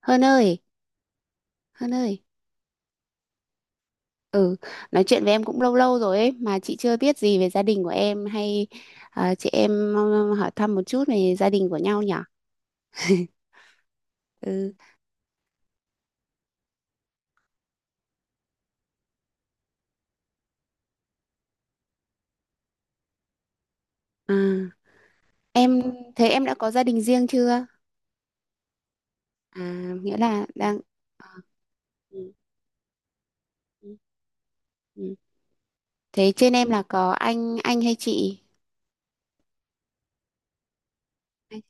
Hơn ơi, hơn ơi, ừ, nói chuyện với em cũng lâu lâu rồi ấy, mà chị chưa biết gì về gia đình của em hay chị em hỏi thăm một chút về gia đình của nhau nhỉ? Ừ, à, em thế em đã có gia đình riêng chưa? À, nghĩa là đang ờ, ừ, ừ, ừ. Thế trên em là có anh hay chị? Anh-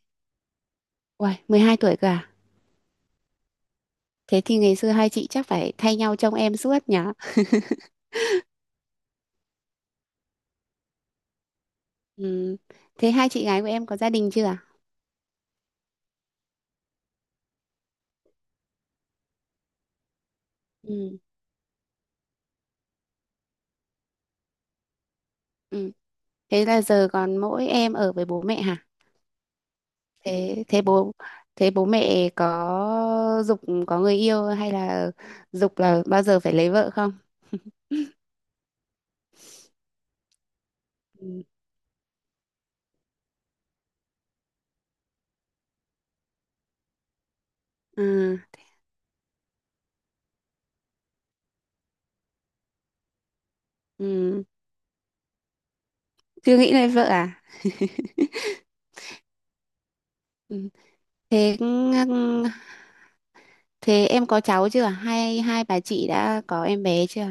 Uầy, 12 tuổi cơ à? Thế thì ngày xưa hai chị chắc phải thay nhau trông em suốt nhỉ? Ừ. Thế hai chị gái của em có gia đình chưa? Ừ. Ừ. Thế là giờ còn mỗi em ở với bố mẹ hả? Thế thế bố mẹ có dục có người yêu hay là dục là bao giờ phải lấy vợ không? Ừ. Ừ. Ừ. Chưa nghĩ lấy vợ à? Ừ. Thế thế em có cháu chưa? Hai hai bà chị đã có em bé chưa?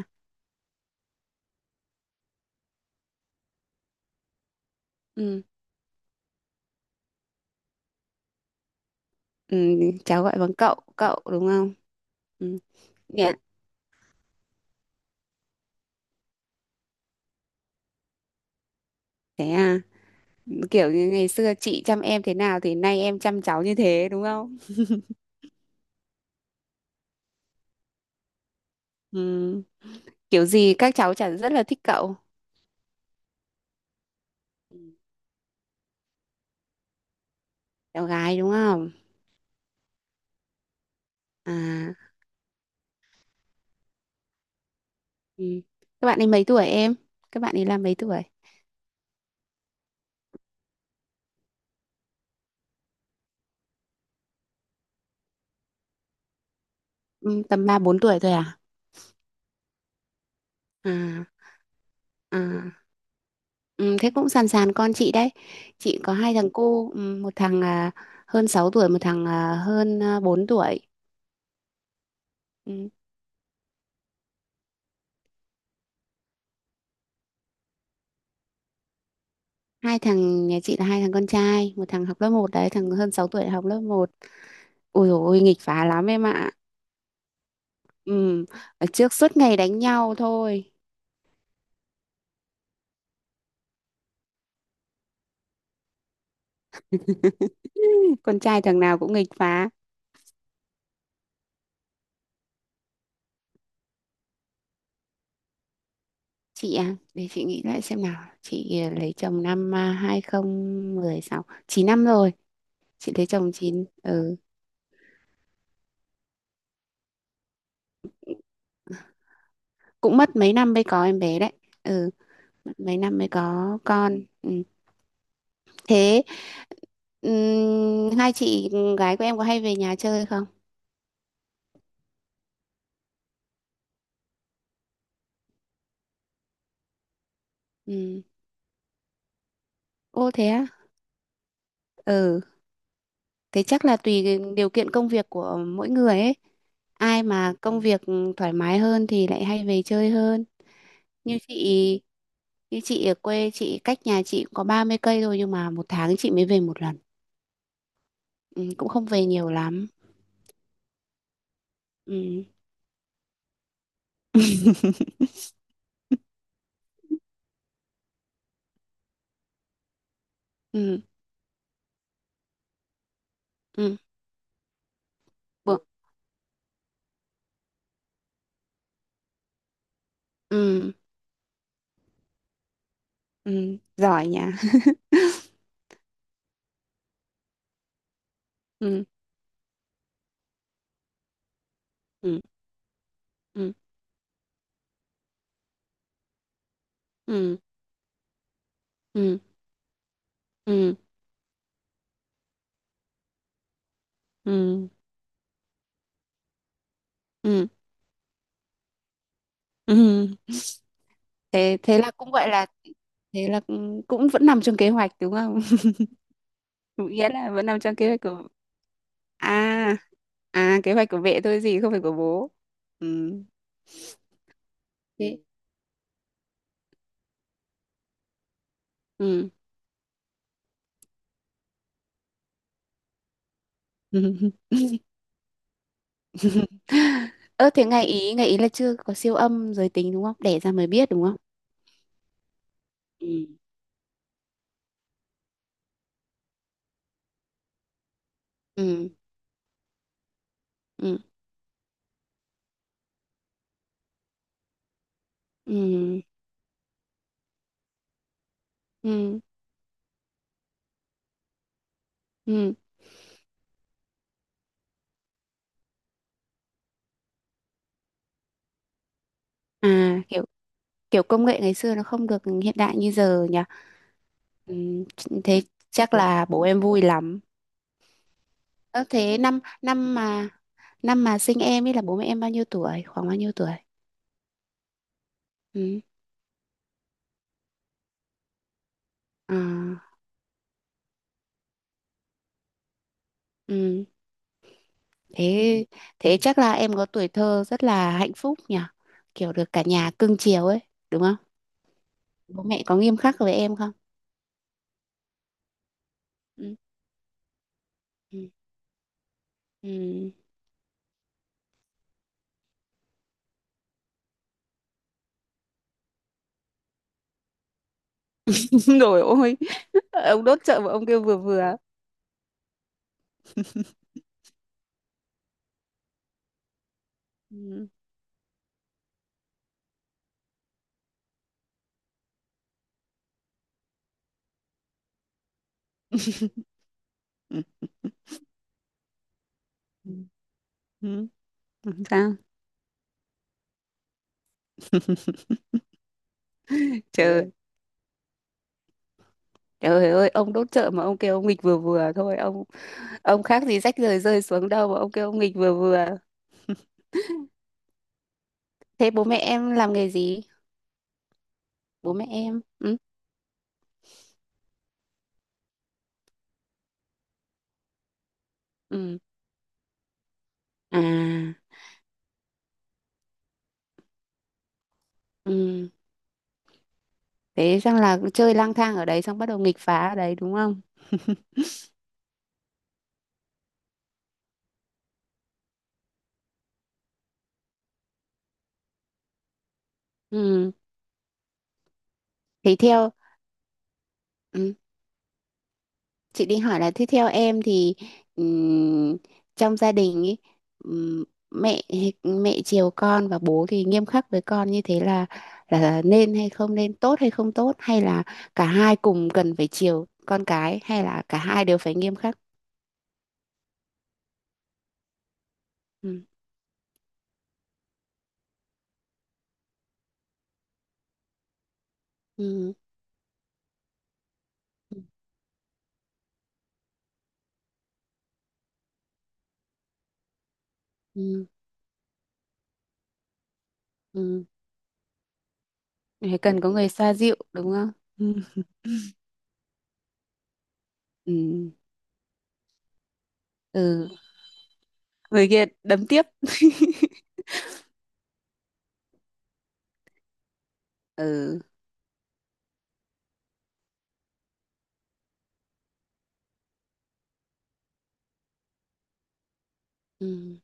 Ừ. Ừ. Cháu gọi bằng cậu đúng không? Ừ. Dạ. Thế à, kiểu như ngày xưa chị chăm em thế nào thì nay em chăm cháu như thế đúng không? Ừ. Kiểu gì các cháu chả rất là thích cậu. Ừ. Cháu gái đúng không? À, ừ. Các bạn ấy mấy tuổi em? Các bạn ấy là mấy tuổi? Ừ, tầm ba bốn tuổi thôi à? À, à. Ừ, thế cũng sàn sàn con chị đấy. Chị có hai thằng cu, ừ, một thằng hơn 6 tuổi, một thằng hơn 4 tuổi. Ừ. Hai thằng nhà chị là hai thằng con trai, một thằng học lớp một đấy, thằng hơn 6 tuổi học lớp một. Ôi dồi ôi, nghịch phá lắm em ạ. Ừ. Ở trước suốt ngày đánh nhau thôi. Con trai thằng nào cũng nghịch phá. Chị à Để chị nghĩ lại xem nào, lấy chồng năm hai không một sáu, 9 năm rồi. Chị lấy chồng 9 ừ. Cũng mất mấy năm mới có em bé đấy. Ừ, mất mấy năm mới có con ừ. Thế hai chị gái của em có hay về nhà chơi không? Ừ. Ô thế á? Ừ, thế chắc là tùy cái điều kiện công việc của mỗi người ấy, ai mà công việc thoải mái hơn thì lại hay về chơi hơn. Như chị. Như chị ở quê, chị cách nhà chị cũng có 30 cây thôi nhưng mà một tháng chị mới về một lần. Ừ, cũng không về nhiều lắm. Ừ. ừ, ừ, bu- ừ, ừ, giỏi nha. Ừ, ừ, ừ, ừ, ừ, ừ, ừ, ừ, ừ. Thế thế là cũng gọi là thế là cũng cũng vẫn nằm trong kế hoạch đúng không? Nghĩa là vẫn nằm trong kế hoạch của à kế hoạch của mẹ thôi gì không phải của bố. Ừ. Thế. Ừ. Ơ thế ngày ý là chưa có siêu âm giới tính đúng không? Đẻ ra mới biết đúng không? ừ. Ừ ừ ừ ừ ừ. À kiểu kiểu công nghệ ngày xưa nó không được hiện đại như giờ nhỉ. Ừ, thế chắc là bố em vui lắm. Ơ thế năm năm mà sinh em ấy là bố mẹ em bao nhiêu tuổi? Khoảng bao nhiêu tuổi? Ừ. À, ừ. Thế thế chắc là em có tuổi thơ rất là hạnh phúc nhỉ. Kiểu được cả nhà cưng chiều ấy, đúng không? Bố mẹ có nghiêm khắc với em không? Ừ. Ừ. Ừ. Rồi ôi, ông đốt chợ mà ông kêu vừa vừa. Ừ. Ừ, ừ, làm sao? Trời. Ừ. Trời ơi, ông đốt chợ mà ông kêu ông nghịch vừa vừa thôi ông khác gì rách rời rơi xuống đâu mà ông kêu ông nghịch vừa vừa. Thế bố mẹ em làm nghề gì? Bố mẹ em ừ. Ừ. À ừ. Thế xong là chơi lang thang ở đấy xong bắt đầu nghịch phá ở đấy đúng không? Ừ. thế theo Ừ, chị định hỏi là thế theo em thì ừm, trong gia đình ý, ừm, mẹ mẹ chiều con và bố thì nghiêm khắc với con như thế là nên hay không nên, tốt hay không tốt, hay là cả hai cùng cần phải chiều con cái hay là cả hai đều phải nghiêm khắc? Ừ. Ừ. Ừ. Ừ. Ừ. Phải cần có người xoa dịu đúng không? Ừ. Ừ. Ừ. Người kia đấm tiếp. Ừ. Ừ.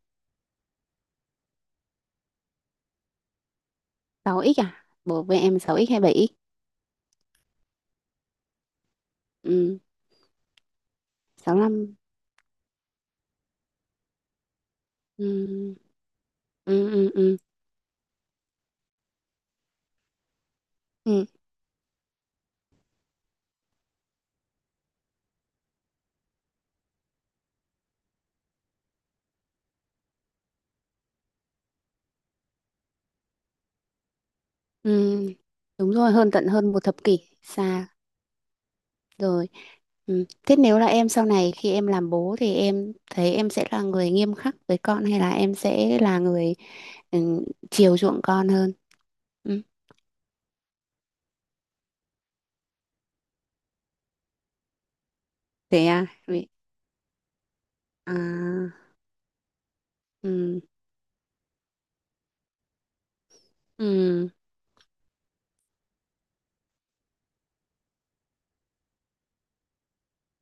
6x à? Bố với em 6x hay 7x? Ừ, 65. Ừ, ừ, ừ, ừ. Ừ. Ừ. Đúng rồi, hơn tận hơn một thập kỷ xa rồi. Ừ. Thế nếu là em sau này khi em làm bố thì em thấy em sẽ là người nghiêm khắc với con hay là em sẽ là người ừ, chiều chuộng con hơn? Ừ. Thế à? À, ừ, ừ.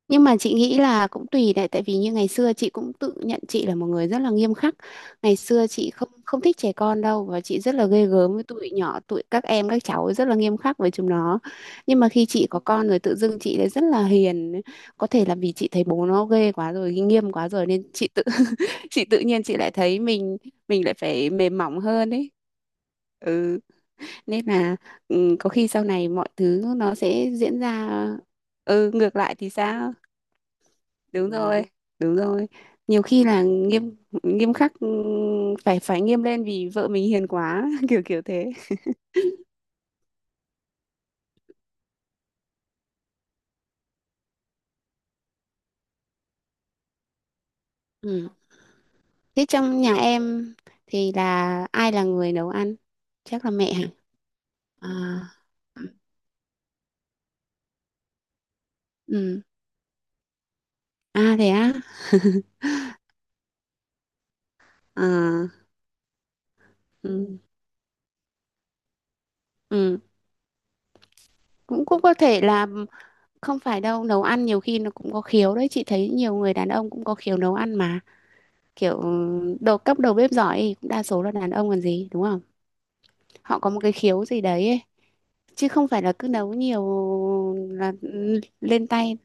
Nhưng mà chị nghĩ là cũng tùy đấy, tại vì như ngày xưa chị cũng tự nhận chị là một người rất là nghiêm khắc. Ngày xưa chị không không thích trẻ con đâu và chị rất là ghê gớm với tụi nhỏ, tụi các em các cháu rất là nghiêm khắc với chúng nó. Nhưng mà khi chị có con rồi tự dưng chị lại rất là hiền. Có thể là vì chị thấy bố nó ghê quá rồi, nghiêm quá rồi nên chị tự chị tự nhiên chị lại thấy mình lại phải mềm mỏng hơn ấy. Ừ, nên là ừ, có khi sau này mọi thứ nó sẽ diễn ra ừ ngược lại thì sao? Đúng rồi, đúng rồi, nhiều khi là nghiêm nghiêm khắc, phải phải nghiêm lên vì vợ mình hiền quá kiểu kiểu thế. Ừ. Thế trong nhà em thì là ai là người nấu ăn, chắc là mẹ hả? À ừ. À thế á. À ừ ừ. Cũng cũng có thể là không phải đâu, nấu ăn nhiều khi nó cũng có khiếu đấy, chị thấy nhiều người đàn ông cũng có khiếu nấu ăn mà. Kiểu ừ, đầu bếp giỏi thì cũng đa số là đàn ông còn gì đúng không? Họ có một cái khiếu gì đấy ấy. Chứ không phải là cứ nấu nhiều là ừ, lên tay.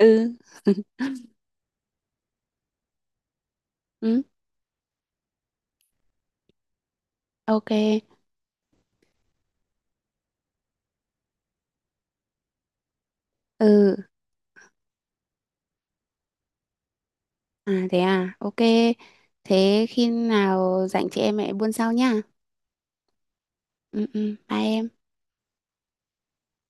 Ừ. Ừ. Ok. Ừ. À thế à, ok. Thế khi nào rảnh chị em mẹ buôn sau nha. Ừ ừ, bye em.